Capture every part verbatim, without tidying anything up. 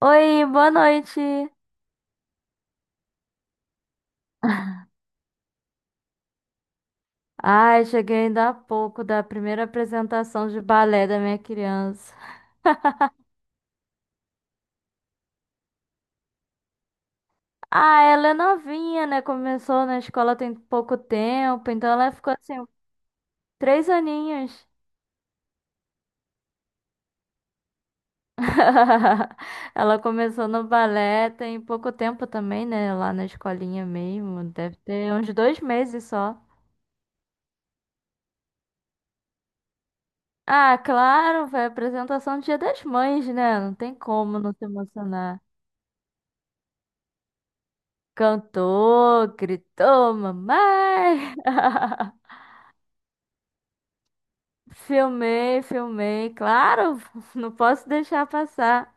Oi, boa noite. Ai, cheguei ainda há pouco da primeira apresentação de balé da minha criança. Ah, ela é novinha, né? Começou na escola tem pouco tempo, então ela ficou assim, três aninhos. Ela começou no balé tem pouco tempo também, né? Lá na escolinha mesmo, deve ter uns dois meses só. Ah, claro, foi a apresentação do Dia das Mães, né? Não tem como não se emocionar. Cantou, gritou, mamãe. Filmei, filmei, claro, não posso deixar passar.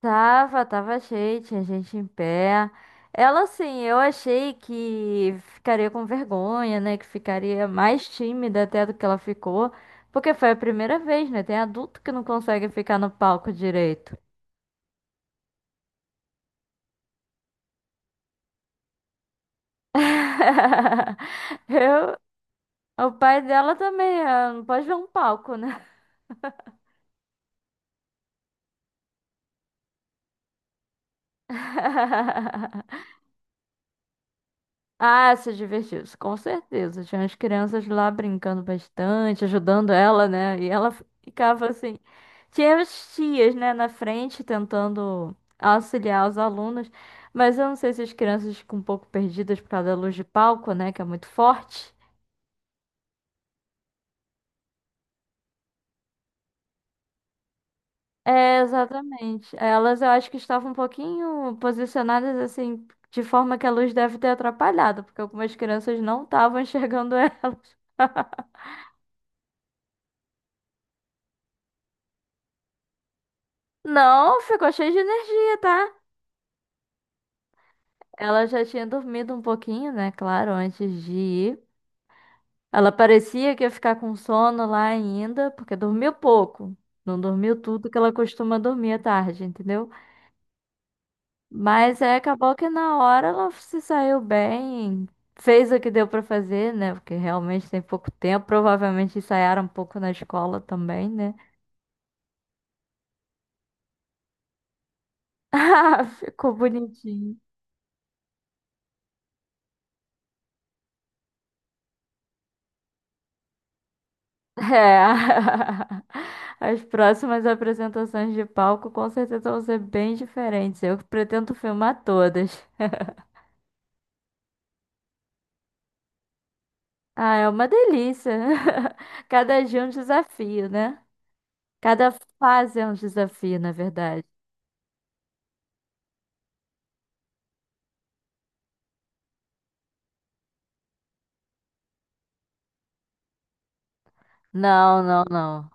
Tava, tava cheio, tinha gente em pé. Ela, assim, eu achei que ficaria com vergonha, né? Que ficaria mais tímida até do que ela ficou. Porque foi a primeira vez, né? Tem adulto que não consegue ficar no palco direito. Eu, o pai dela também, ah, não pode ver um palco, né? Ah, se divertiu, isso, com certeza. Tinha as crianças lá brincando bastante, ajudando ela, né? E ela ficava assim. Tinha as tias, né, na frente tentando auxiliar os alunos, mas eu não sei se as crianças ficam um pouco perdidas por causa da luz de palco, né, que é muito forte. É, exatamente. Elas eu acho que estavam um pouquinho posicionadas assim, de forma que a luz deve ter atrapalhado, porque algumas crianças não estavam enxergando elas. Não, ficou cheio de energia, tá? Ela já tinha dormido um pouquinho, né? Claro, antes de ir. Ela parecia que ia ficar com sono lá ainda, porque dormiu pouco. Não dormiu tudo que ela costuma dormir à tarde, entendeu? Mas aí acabou que na hora ela se saiu bem, fez o que deu pra fazer, né? Porque realmente tem pouco tempo. Provavelmente ensaiaram um pouco na escola também, né? Ah, ficou bonitinho. É. As próximas apresentações de palco com certeza vão ser bem diferentes. Eu pretendo filmar todas. Ah, é uma delícia. Cada dia é um desafio, né? Cada fase é um desafio, na verdade. Não, não, não.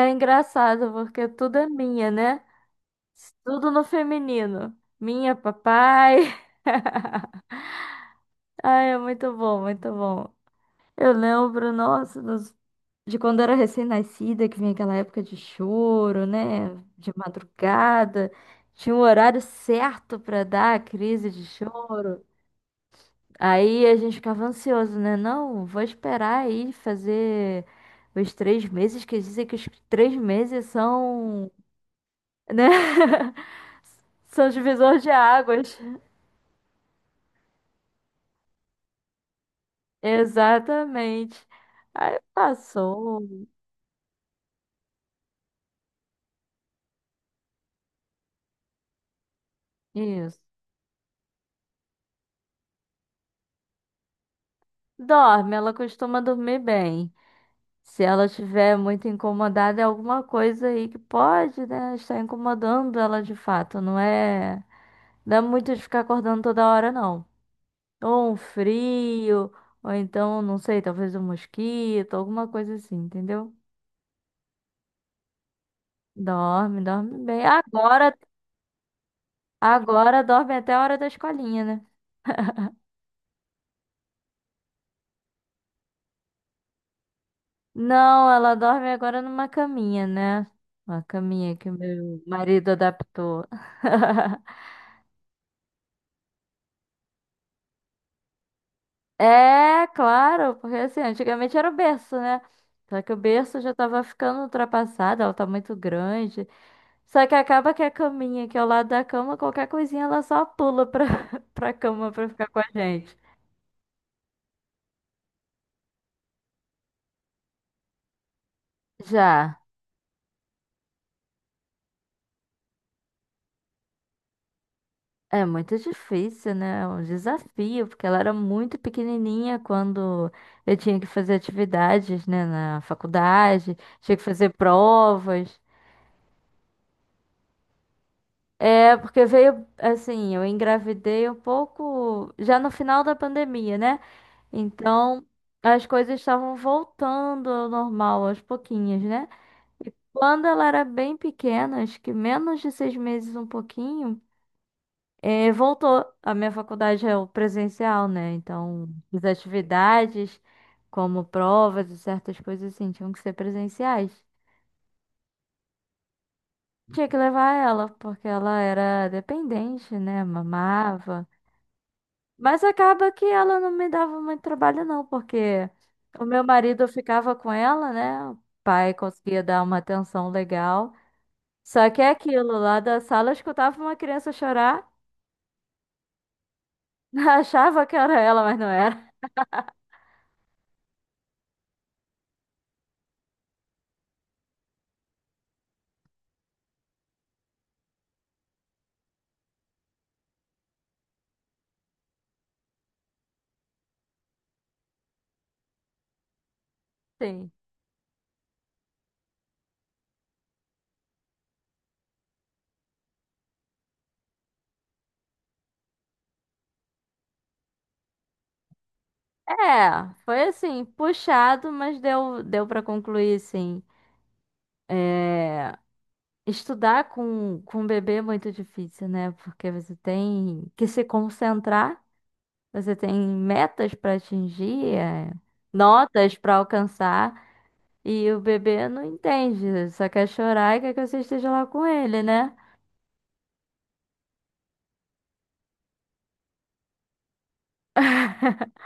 É engraçado porque tudo é minha, né? Tudo no feminino. Minha, papai. Ai, é muito bom, muito bom. Eu lembro, nossa, de quando era recém-nascida, que vinha aquela época de choro, né? De madrugada. Tinha um horário certo pra dar a crise de choro. Aí a gente ficava ansioso, né? Não, vou esperar aí fazer os três meses, que dizem que os três meses são, né? São divisor de águas. Exatamente. Aí passou. Isso. Dorme, ela costuma dormir bem. Se ela estiver muito incomodada, é alguma coisa aí que pode, né, estar incomodando ela de fato. Não é, dá muito de ficar acordando toda hora, não. Ou um frio, ou então, não sei, talvez um mosquito, alguma coisa assim, entendeu? Dorme, dorme bem. Agora, agora dorme até a hora da escolinha, né? Não, ela dorme agora numa caminha, né? Uma caminha que o meu marido adaptou. É, claro, porque assim, antigamente era o berço, né? Só que o berço já tava ficando ultrapassado, ela tá muito grande. Só que acaba que a caminha, que é ao lado da cama, qualquer coisinha ela só pula pra, pra cama pra ficar com a gente. Já. É muito difícil, né? É um desafio, porque ela era muito pequenininha quando eu tinha que fazer atividades, né, na faculdade, tinha que fazer provas. É, porque veio assim, eu engravidei um pouco já no final da pandemia, né? Então as coisas estavam voltando ao normal aos pouquinhos, né? Quando ela era bem pequena, acho que menos de seis meses, um pouquinho, eh, voltou. A minha faculdade é o presencial, né? Então as atividades, como provas e certas coisas assim, tinham que ser presenciais. Tinha que levar ela, porque ela era dependente, né? Mamava. Mas acaba que ela não me dava muito trabalho, não, porque o meu marido ficava com ela, né? O pai conseguia dar uma atenção legal. Só que é aquilo, lá da sala eu escutava uma criança chorar, achava que era ela, mas não era. Sim. É, foi assim, puxado, mas deu, deu para concluir, sim. É, estudar com, com um bebê é muito difícil, né? Porque você tem que se concentrar. Você tem metas para atingir, é, notas para alcançar, e o bebê não entende, só quer chorar e quer que você esteja lá com ele, né?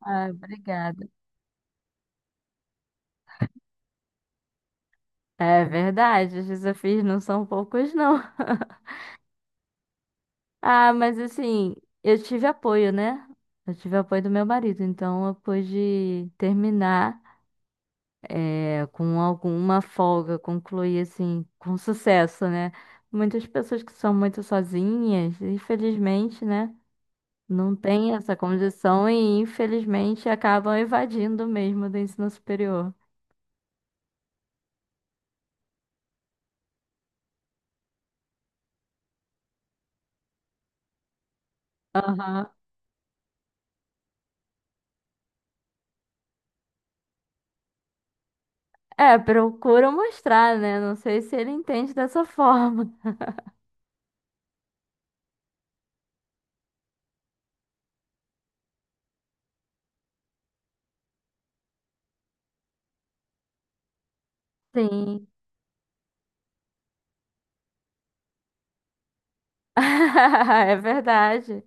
Ah, obrigada. É verdade, os desafios não são poucos, não. Ah, mas assim, eu tive apoio, né? Eu tive apoio do meu marido, então eu pude terminar. É, com alguma folga, concluir assim, com sucesso, né? Muitas pessoas que são muito sozinhas, infelizmente, né? Não têm essa condição e, infelizmente, acabam evadindo mesmo do ensino superior. Aham. É, procura mostrar, né? Não sei se ele entende dessa forma. Sim. É verdade.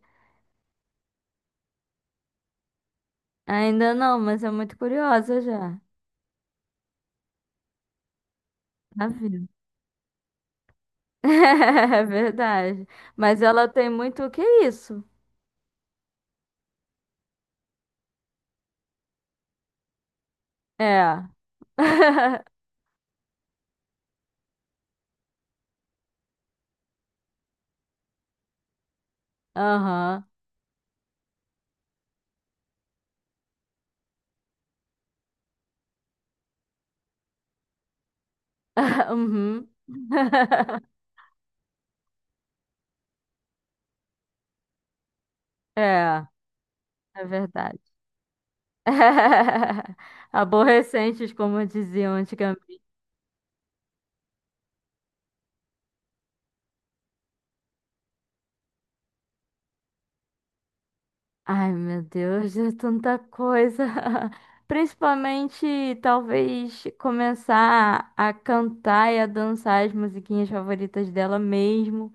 Ainda não, mas é muito curiosa já. Tá vendo? É verdade. Mas ela tem muito o que é isso? É. Aham. Uhum. É, é verdade. Aborrecentes, como diziam antigamente. Ai, meu Deus, é tanta coisa. Principalmente, talvez, começar a cantar e a dançar as musiquinhas favoritas dela mesmo.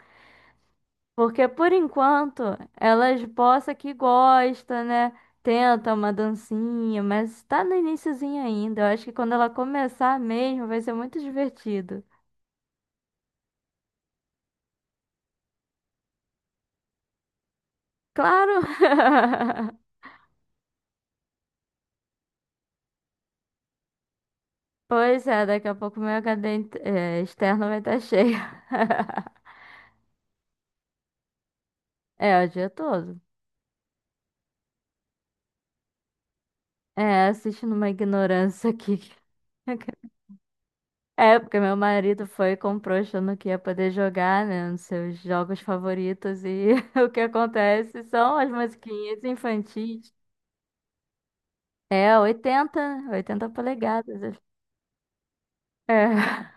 Porque por enquanto elas possa que gosta, né? Tenta uma dancinha, mas tá no iniciozinho ainda. Eu acho que quando ela começar mesmo vai ser muito divertido. Claro! Pois é, daqui a pouco meu H D in- eh, externo vai estar cheio. É, o dia todo. É, assistindo uma ignorância aqui. É, porque meu marido foi e comprou achando que ia poder jogar, né, nos seus jogos favoritos e o que acontece são as musiquinhas infantis. É, oitenta, né? oitenta polegadas. É,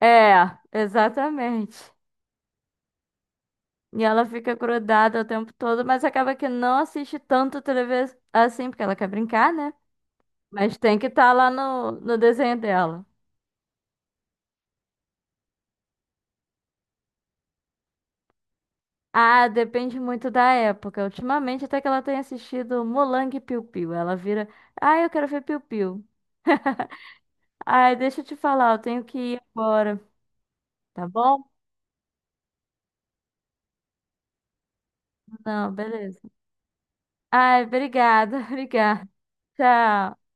é, exatamente. E ela fica grudada o tempo todo, mas acaba que não assiste tanto televisão assim, porque ela quer brincar, né? Mas tem que estar lá no, no desenho dela. Ah, depende muito da época. Ultimamente, até que ela tem assistido Molang Piu Piu. Ela vira, ah, eu quero ver Piu Piu. Ai, deixa eu te falar, eu tenho que ir agora, tá bom? Não, beleza. Ai, obrigada, obrigada. Tchau.